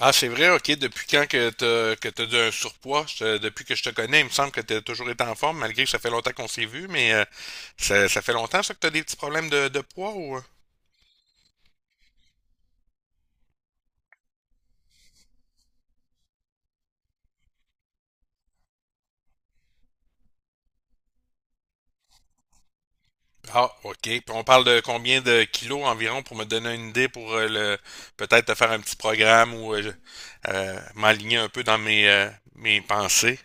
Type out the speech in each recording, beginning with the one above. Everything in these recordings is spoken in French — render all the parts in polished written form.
Ah, c'est vrai, ok. Depuis quand que t'as du un surpoids? Depuis que je te connais, il me semble que t'as toujours été en forme, malgré que ça fait longtemps qu'on s'est vu, mais ça fait longtemps ça que t'as des petits problèmes de poids ou? Ah, ok. Puis on parle de combien de kilos environ pour me donner une idée pour le peut-être te faire un petit programme ou m'aligner un peu dans mes mes pensées.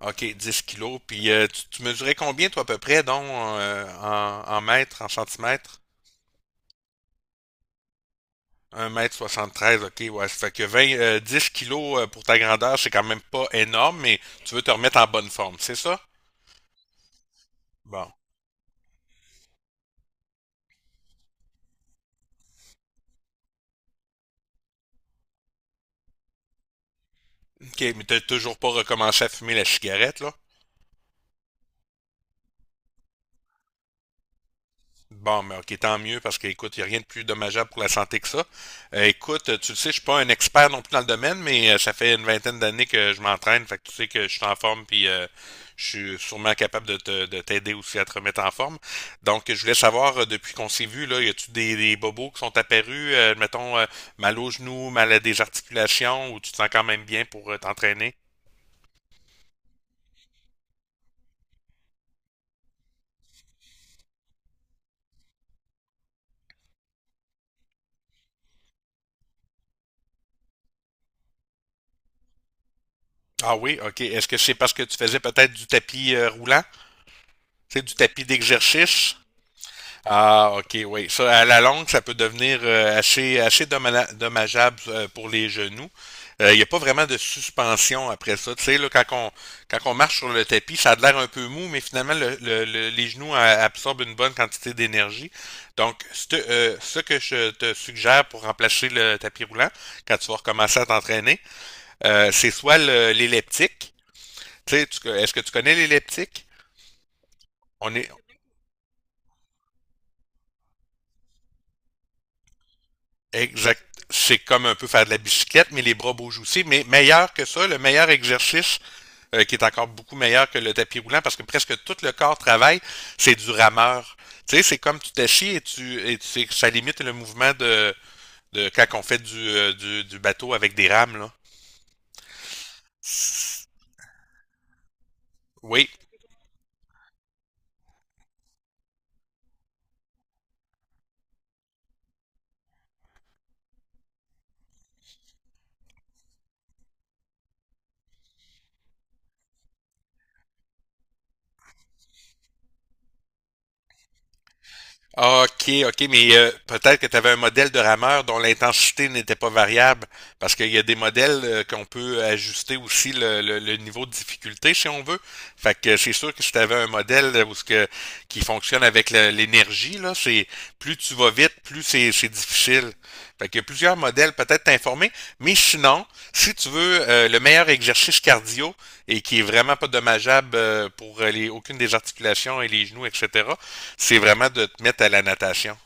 Ok, 10 kilos. Puis tu mesurais combien toi à peu près, donc en mètres, en centimètres? Un mètre soixante treize, ok, ouais. Ça fait que 20 10 kilos pour ta grandeur, c'est quand même pas énorme, mais tu veux te remettre en bonne forme, c'est ça? Bon. Ok, mais t'as toujours pas recommencé à fumer la cigarette, là? Bon, mais ok, tant mieux, parce qu'écoute, il n'y a rien de plus dommageable pour la santé que ça. Écoute, tu le sais, je suis pas un expert non plus dans le domaine, mais ça fait une vingtaine d'années que je m'entraîne, fait que tu sais que je suis en forme, puis je suis sûrement capable de t'aider aussi à te remettre en forme. Donc, je voulais savoir, depuis qu'on s'est vu, là, des bobos qui sont apparus, mettons, mal aux genoux, mal à des articulations, ou tu te sens quand même bien pour t'entraîner? Ah oui, ok. Est-ce que c'est parce que tu faisais peut-être du tapis roulant? Tu sais, du tapis d'exercice? Ah, ok, oui. Ça, à la longue, ça peut devenir assez dommageable pour les genoux. Il n'y a pas vraiment de suspension après ça. Tu sais, là, quand on marche sur le tapis, ça a l'air un peu mou, mais finalement, les genoux absorbent une bonne quantité d'énergie. Donc, ce que je te suggère pour remplacer le tapis roulant, quand tu vas recommencer à t'entraîner, c'est soit l'elliptique. Tu sais, est-ce que tu connais l'elliptique? On est. Exact. C'est comme un peu faire de la bicyclette, mais les bras bougent aussi. Mais meilleur que ça, le meilleur exercice, qui est encore beaucoup meilleur que le tapis roulant, parce que presque tout le corps travaille, c'est du rameur. Tu sais, c'est comme tu t'assis et tu sais, ça limite le mouvement de quand on fait du bateau avec des rames, là. Oui. Ah, OK, OK, mais peut-être que tu avais un modèle de rameur dont l'intensité n'était pas variable, parce qu'il y a des modèles qu'on peut ajuster aussi le niveau de difficulté si on veut. Fait que c'est sûr que si tu avais un modèle qui fonctionne avec l'énergie, là, c'est plus tu vas vite, plus c'est difficile. Fait qu'il y a plusieurs modèles, peut-être t'informer, mais sinon, si tu veux le meilleur exercice cardio et qui est vraiment pas dommageable pour aucune des articulations et les genoux, etc., c'est vraiment de te mettre à la natation.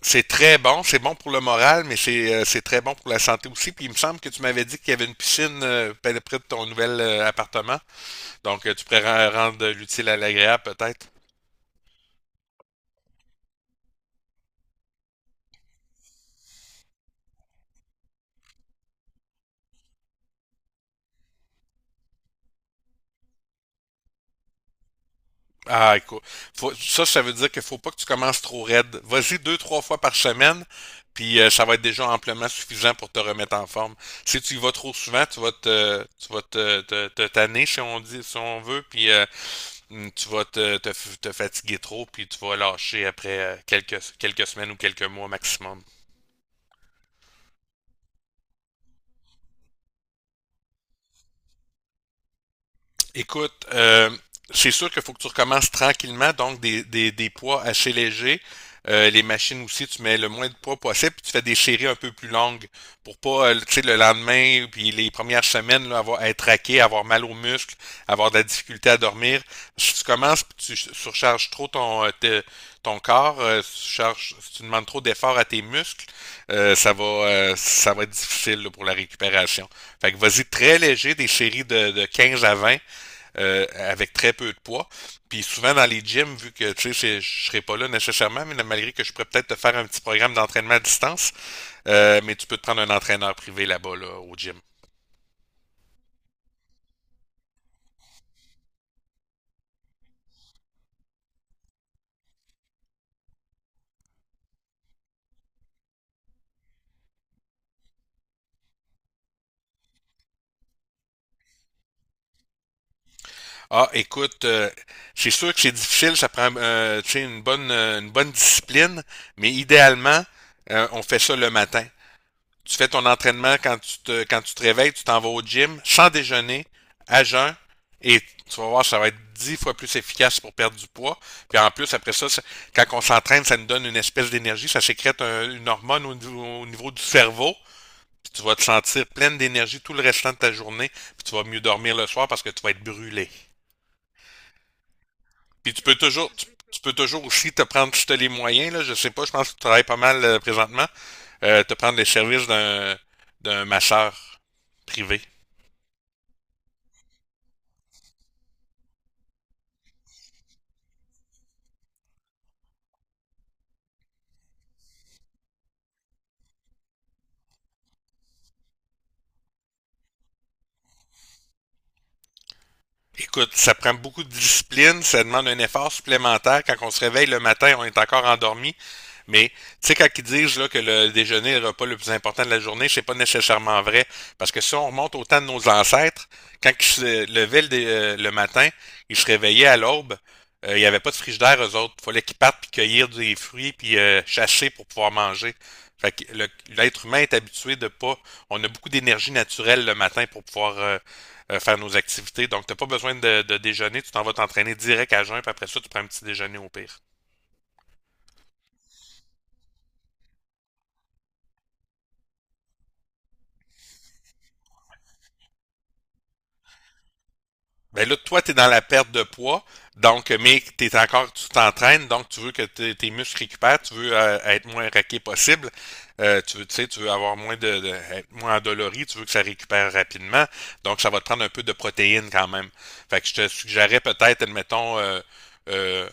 C'est très bon, c'est bon pour le moral, mais c'est très bon pour la santé aussi. Puis il me semble que tu m'avais dit qu'il y avait une piscine près de ton nouvel appartement. Donc tu pourrais rendre l'utile à l'agréable peut-être. Ah, écoute, ça, ça veut dire qu'il faut pas que tu commences trop raide. Vas-y deux, trois fois par semaine, puis ça va être déjà amplement suffisant pour te remettre en forme. Si tu y vas trop souvent, tu vas te tanner, si on dit, si on veut, puis tu vas te fatiguer trop, puis tu vas lâcher après quelques semaines ou quelques mois maximum. Écoute, c'est sûr qu'il faut que tu recommences tranquillement, donc des poids assez légers. Les machines aussi, tu mets le moins de poids possible, puis tu fais des séries un peu plus longues pour pas, tu sais, le lendemain, puis les premières semaines, là, avoir, être raqué, avoir mal aux muscles, avoir de la difficulté à dormir. Si tu commences, puis tu surcharges trop ton corps, si tu demandes trop d'efforts à tes muscles, ça va être difficile là, pour la récupération. Fait que vas-y très léger, des séries de 15 à vingt, avec très peu de poids. Puis souvent dans les gyms, vu que tu sais, je serai pas là nécessairement, mais malgré que je pourrais peut-être te faire un petit programme d'entraînement à distance, mais tu peux te prendre un entraîneur privé là-bas là, au gym. Ah, écoute, c'est sûr que c'est difficile, ça prend tu sais, une bonne discipline, mais idéalement, on fait ça le matin. Tu fais ton entraînement quand tu te réveilles, tu t'en vas au gym sans déjeuner, à jeun, et tu vas voir, ça va être dix fois plus efficace pour perdre du poids. Puis en plus, après ça, quand on s'entraîne, ça nous donne une espèce d'énergie, ça sécrète une hormone au niveau du cerveau. Puis tu vas te sentir pleine d'énergie tout le restant de ta journée. Puis tu vas mieux dormir le soir parce que tu vas être brûlé. Puis tu peux toujours, Tu peux toujours aussi te prendre, si tu as les moyens, là, je sais pas, je pense que tu travailles pas mal présentement, te prendre les services d'un masseur privé. Écoute, ça prend beaucoup de discipline, ça demande un effort supplémentaire. Quand on se réveille le matin, on est encore endormi. Mais tu sais, quand ils disent là, que le déjeuner est le repas le plus important de la journée, c'est pas nécessairement vrai. Parce que si on remonte au temps de nos ancêtres, quand ils se levaient le matin, ils se réveillaient à l'aube, il n'y avait pas de frigidaire, eux autres. Il fallait qu'ils partent puis cueillir des fruits puis chasser pour pouvoir manger. Fait que l'être humain est habitué de pas. On a beaucoup d'énergie naturelle le matin pour pouvoir faire nos activités. Donc, t'as pas besoin de déjeuner. Tu t'en vas t'entraîner direct à jeun, puis après ça, tu prends un petit déjeuner au pire. Ben là, toi, t'es dans la perte de poids, donc, mais t'es encore, tu t'entraînes, donc tu veux que tes muscles récupèrent, tu veux être moins raqué possible, tu veux, tu sais, tu veux avoir moins être moins endolori, tu veux que ça récupère rapidement, donc ça va te prendre un peu de protéines quand même. Fait que je te suggérerais peut-être, admettons, euh,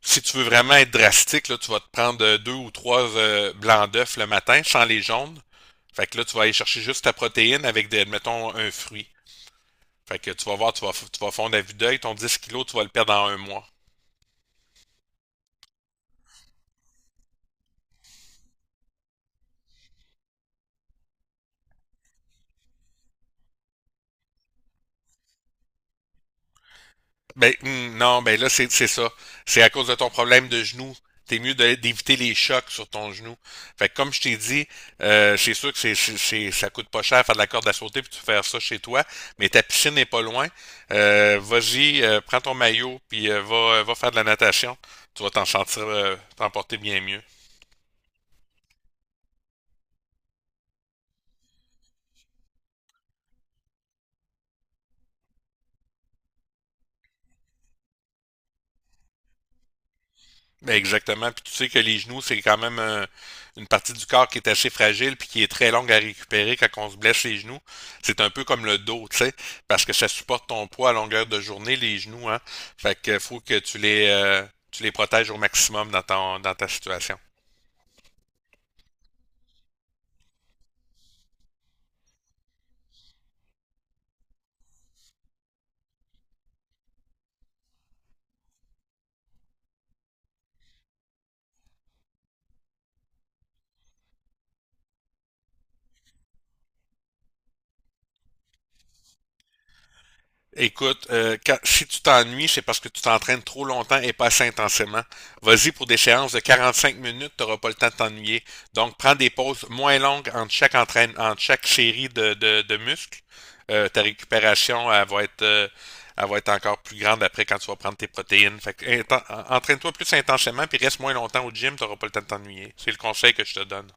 si tu veux vraiment être drastique, là, tu vas te prendre deux ou trois blancs d'œufs le matin, sans les jaunes. Fait que là, tu vas aller chercher juste ta protéine avec, des, mettons, un fruit. Fait que tu vas voir, tu vas fondre à vue d'œil, ton 10 kilos, tu vas le perdre en un mois. Ben, non, ben là, c'est ça. C'est à cause de ton problème de genou. T'es mieux d'éviter les chocs sur ton genou. Fait que comme je t'ai dit, c'est sûr que ça coûte pas cher faire de la corde à sauter puis tu faire ça chez toi, mais ta piscine n'est pas loin. Vas-y, prends ton maillot puis va faire de la natation. Tu vas t'en sentir, t'en porter bien mieux. Ben, exactement. Puis tu sais que les genoux, c'est quand même une partie du corps qui est assez fragile puis qui est très longue à récupérer quand on se blesse les genoux. C'est un peu comme le dos, tu sais, parce que ça supporte ton poids à longueur de journée, les genoux, hein. Fait que faut que tu les protèges au maximum dans ton dans ta situation. Écoute, si tu t'ennuies, c'est parce que tu t'entraînes trop longtemps et pas assez intensément. Vas-y pour des séances de 45 minutes, tu n'auras pas le temps de t'ennuyer. Donc, prends des pauses moins longues entre chaque entraîne, entre chaque série de muscles. Ta récupération, elle va être encore plus grande après quand tu vas prendre tes protéines. Fait que, entraîne-toi plus intensément, puis reste moins longtemps au gym, tu n'auras pas le temps de t'ennuyer. C'est le conseil que je te donne.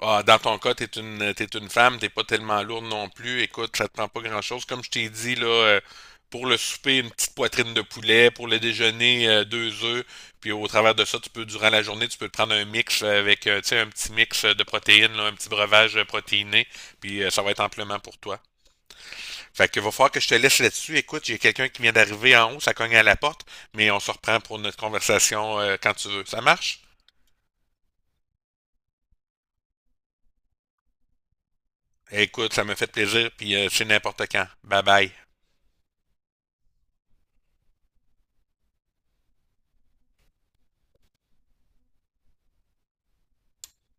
Ah, dans ton cas, t'es une femme, t'es pas tellement lourde non plus. Écoute, ça te prend pas grand-chose. Comme je t'ai dit, là, pour le souper, une petite poitrine de poulet. Pour le déjeuner, deux œufs. Puis au travers de ça, tu peux, durant la journée, tu peux te prendre un mix avec, tu sais, un petit mix de protéines, là, un petit breuvage protéiné. Puis ça va être amplement pour toi. Fait que va falloir que je te laisse là-dessus. Écoute, j'ai quelqu'un qui vient d'arriver en haut, ça cogne à la porte. Mais on se reprend pour notre conversation quand tu veux. Ça marche? Écoute, ça me fait plaisir. Puis c'est n'importe quand. Bye bye.